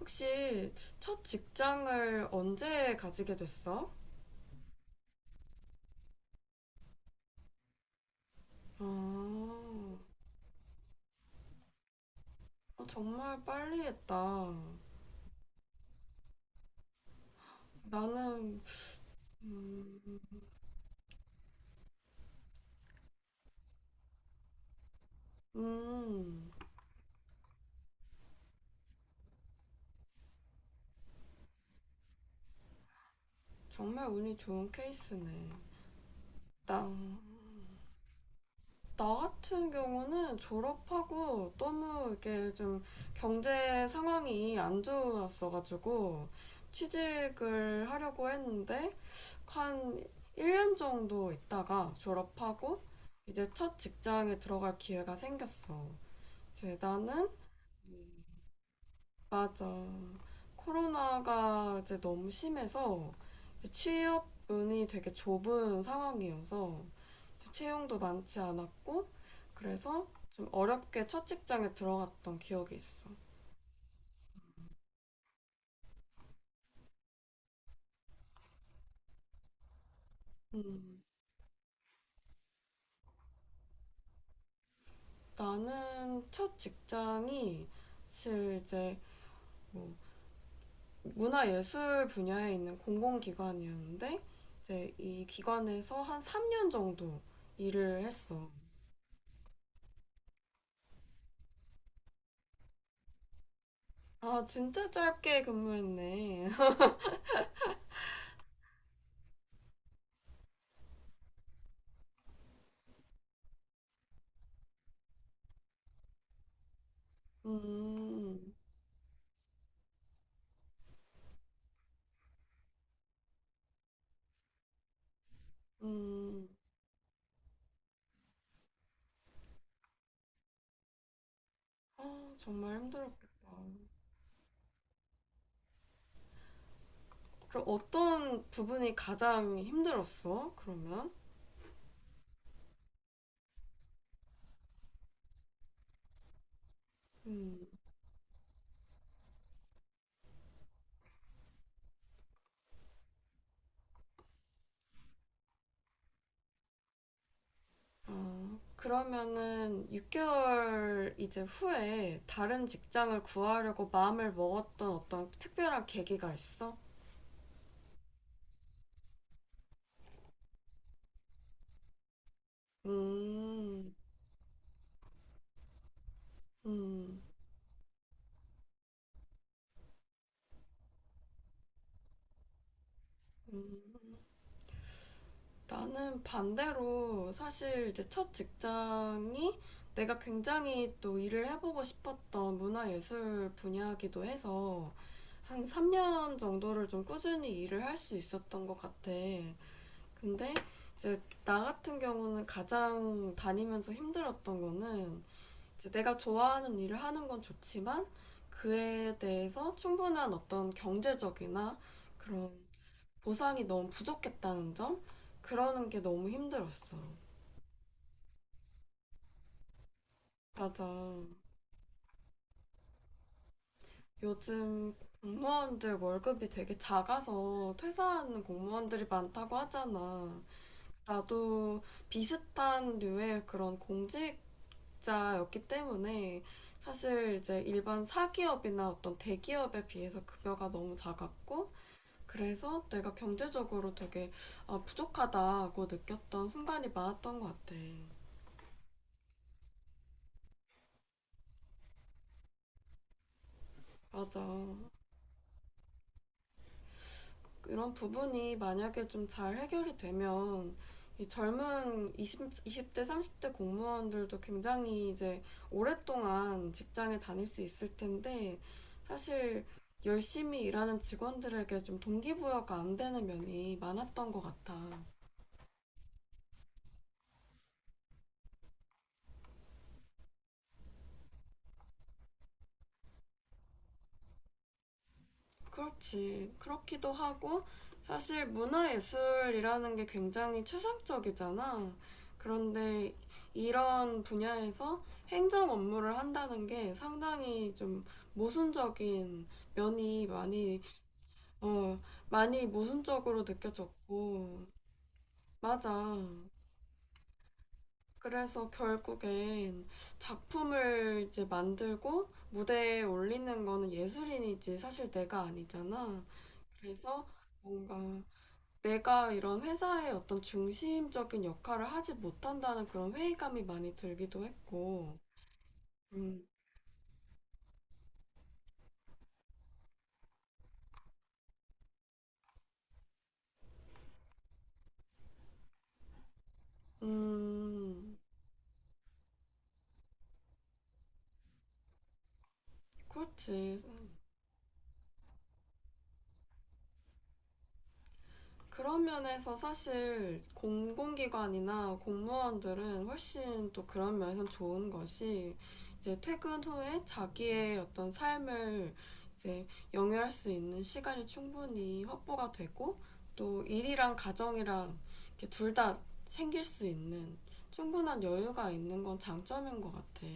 혹시 첫 직장을 언제 가지게 됐어? 아, 어, 정말 빨리 했다. 나는, 음, 음, 정말 운이 좋은 케이스네. 나, 나 같은 경우는 졸업하고 너무 이게 좀 경제 상황이 안 좋았어가지고 취직을 하려고 했는데 한 1년 정도 있다가 졸업하고 이제 첫 직장에 들어갈 기회가 생겼어. 제 나는 맞아. 코로나가 이제 너무 심해서 이제 취업 문이 되게 좁은 상황이어서 이제 채용도 많지 않았고 그래서 좀 어렵게 첫 직장에 들어갔던 기억이 있어. 음, 나는 첫 직장이 사실 이제 뭐 문화예술 분야에 있는 공공기관이었는데 이제 이 기관에서 한 3년 정도 일을 했어. 아, 진짜 짧게 근무했네. 음, 음, 아, 정말 힘들었겠다. 그럼 어떤 부분이 가장 힘들었어? 그러면? 음, 아, 그러면은 6개월 이제 후에 다른 직장을 구하려고 마음을 먹었던 어떤 특별한 계기가 있어? 음, 음, 음. 나는 반대로 사실 이제 첫 직장이 내가 굉장히 또 일을 해보고 싶었던 문화예술 분야이기도 해서 한 3년 정도를 좀 꾸준히 일을 할 수 있었던 것 같아. 근데 이제 나 같은 경우는 가장 다니면서 힘들었던 거는 이제 내가 좋아하는 일을 하는 건 좋지만 그에 대해서 충분한 어떤 경제적이나 그런 보상이 너무 부족했다는 점? 그러는 게 너무 힘들었어. 맞아. 요즘 공무원들 월급이 되게 작아서 퇴사하는 공무원들이 많다고 하잖아. 나도 비슷한 류의 그런 공직자였기 때문에 사실 이제 일반 사기업이나 어떤 대기업에 비해서 급여가 너무 작았고 그래서 내가 경제적으로 되게 아, 부족하다고 느꼈던 순간이 많았던 것 같아. 맞아. 이런 부분이 만약에 좀 잘 해결이 되면 이 젊은 이십 20대, 30대 공무원들도 굉장히 이제 오랫동안 직장에 다닐 수 있을 텐데 사실 열심히 일하는 직원들에게 좀 동기부여가 안 되는 면이 많았던 것 같아. 그렇지. 그렇기도 하고, 사실 문화예술이라는 게 굉장히 추상적이잖아. 그런데 이런 분야에서 행정 업무를 한다는 게 상당히 좀 모순적인 면이 많이, 어, 많이 모순적으로 느껴졌고, 맞아. 그래서 결국엔 작품을 이제 만들고 무대에 올리는 거는 예술인이지 사실 내가 아니잖아. 그래서 뭔가 내가 이런 회사의 어떤 중심적인 역할을 하지 못한다는 그런 회의감이 많이 들기도 했고, 음, 음, 그렇지. 그런 면에서 사실 공공기관이나 공무원들은 훨씬 또 그런 면에서 좋은 것이 이제 퇴근 후에 자기의 어떤 삶을 이제 영위할 수 있는 시간이 충분히 확보가 되고 또 일이랑 가정이랑 둘다 챙길 수 있는 충분한 여유가 있는 건 장점인 것 같아.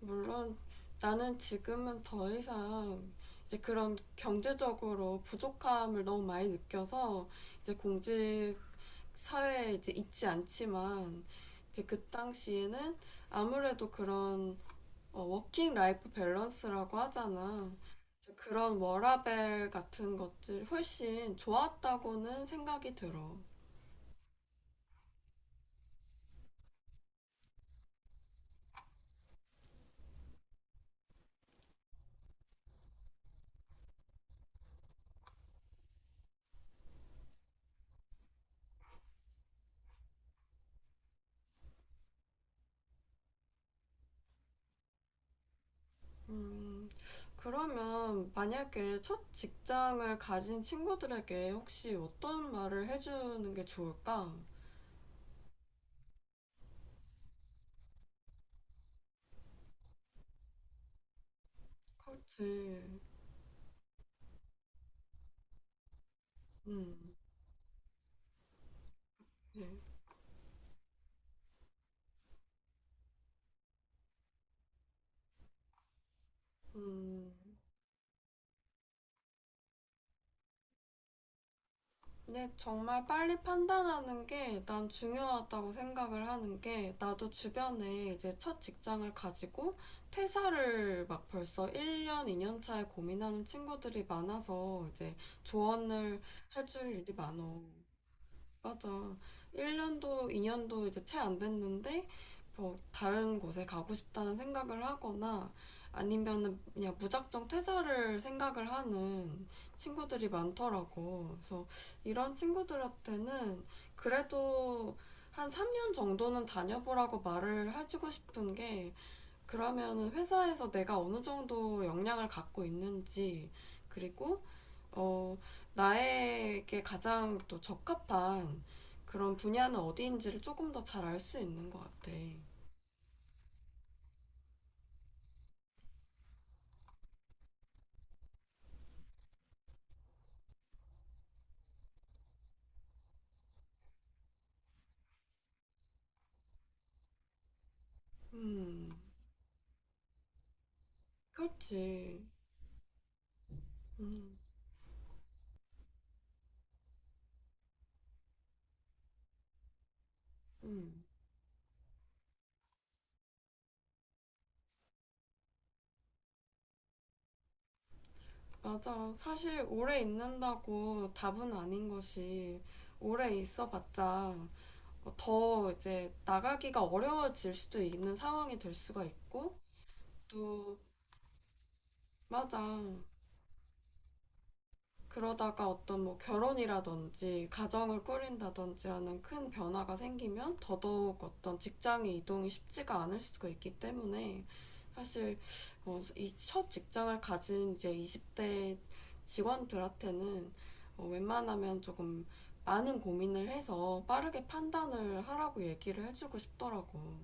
물론 나는 지금은 더 이상 이제 그런 경제적으로 부족함을 너무 많이 느껴서 이제 공직 사회에 이제 있지 않지만 이제 그 당시에는 아무래도 그런 어, 워킹 라이프 밸런스라고 하잖아. 이제 그런 워라밸 같은 것들 훨씬 좋았다고는 생각이 들어. 음, 그러면 만약에 첫 직장을 가진 친구들에게 혹시 어떤 말을 해주는 게 좋을까? 그렇지. 음, 네. 음, 근데 정말 빨리 판단하는 게 난 중요하다고 생각을 하는 게 나도 주변에 이제 첫 직장을 가지고 퇴사를 막 벌써 1년, 2년 차에 고민하는 친구들이 많아서 이제 조언을 해줄 일이 많어. 맞아. 1년도, 2년도 이제 채 안 됐는데, 뭐, 다른 곳에 가고 싶다는 생각을 하거나, 아니면은 그냥 무작정 퇴사를 생각을 하는 친구들이 많더라고. 그래서 이런 친구들한테는 그래도 한 3년 정도는 다녀보라고 말을 해주고 싶은 게, 그러면은 회사에서 내가 어느 정도 역량을 갖고 있는지, 그리고 어, 나에게 가장 또 적합한 그런 분야는 어디인지를 조금 더 잘 알 수 있는 것 같아. 음, 그렇지. 음, 음. 맞아. 사실 오래 있는다고 답은 아닌 것이 오래 있어봤자 더 이제 나가기가 어려워질 수도 있는 상황이 될 수가 있고 또 맞아. 그러다가 어떤 뭐 결혼이라든지 가정을 꾸린다든지 하는 큰 변화가 생기면 더더욱 어떤 직장의 이동이 쉽지가 않을 수가 있기 때문에 사실 어, 이 첫 직장을 가진 이제 20대 직원들한테는 어, 웬만하면 조금 많은 고민을 해서 빠르게 판단을 하라고 얘기를 해주고 싶더라고.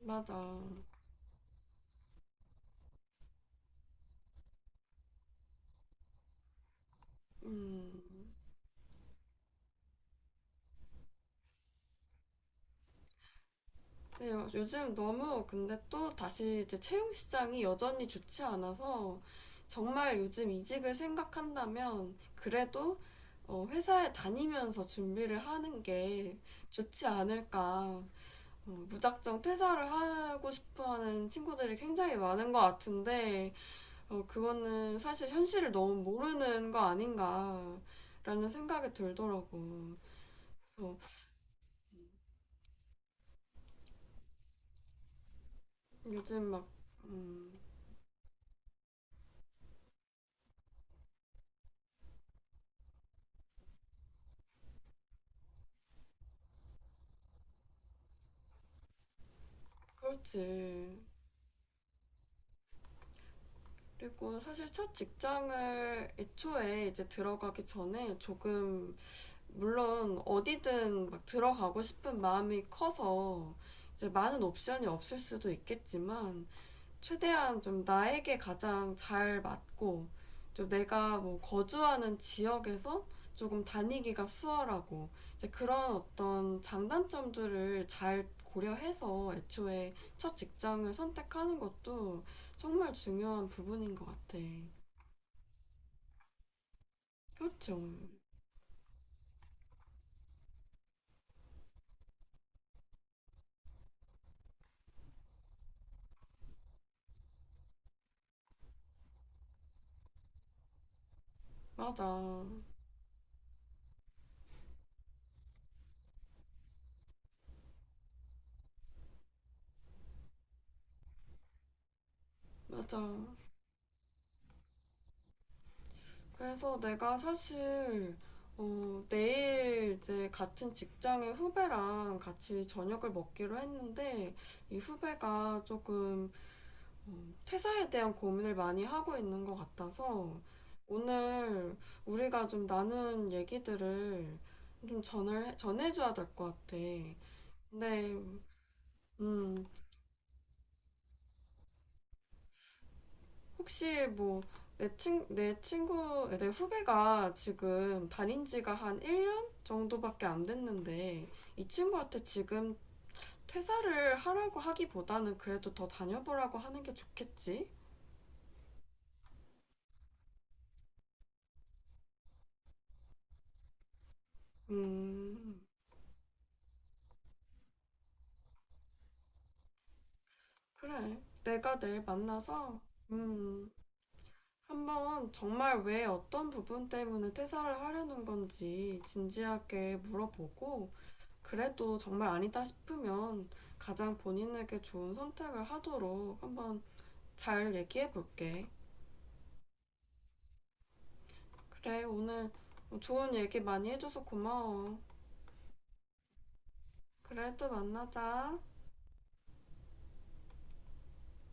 맞아. 음. 네, 요즘 너무 근데 또 다시 이제 채용 시장이 여전히 좋지 않아서 정말 요즘 이직을 생각한다면 그래도 어, 회사에 다니면서 준비를 하는 게 좋지 않을까. 어, 무작정 퇴사를 하고 싶어 하는 친구들이 굉장히 많은 것 같은데, 어, 그거는 사실 현실을 너무 모르는 거 아닌가라는 생각이 들더라고. 그래서 요즘 막, 음, 그렇지. 그리고 사실 첫 직장을 애초에 이제 들어가기 전에 조금 물론 어디든 막 들어가고 싶은 마음이 커서 이제 많은 옵션이 없을 수도 있겠지만 최대한 좀 나에게 가장 잘 맞고 좀 내가 뭐 거주하는 지역에서 조금 다니기가 수월하고 이제 그런 어떤 장단점들을 잘 고려해서 애초에 첫 직장을 선택하는 것도 정말 중요한 부분인 것 같아. 그렇죠. 맞아. 맞아. 그래서 내가 사실 어, 내일 이제 같은 직장의 후배랑 같이 저녁을 먹기로 했는데 이 후배가 조금 어, 퇴사에 대한 고민을 많이 하고 있는 것 같아서 오늘 우리가 좀 나눈 얘기들을 좀 전을 전해줘야 될 것 같아. 근데 음, 혹시 뭐 내 친구, 내 후배가 지금 다닌 지가 한 1년 정도밖에 안 됐는데 이 친구한테 지금 퇴사를 하라고 하기보다는 그래도 더 다녀보라고 하는 게 좋겠지? 음, 그래. 내가 내일 만나서, 음, 한번 정말 왜 어떤 부분 때문에 퇴사를 하려는 건지 진지하게 물어보고 그래도 정말 아니다 싶으면 가장 본인에게 좋은 선택을 하도록 한번 잘 얘기해 볼게. 그래, 오늘 좋은 얘기 많이 해줘서 고마워. 그래, 또 만나자.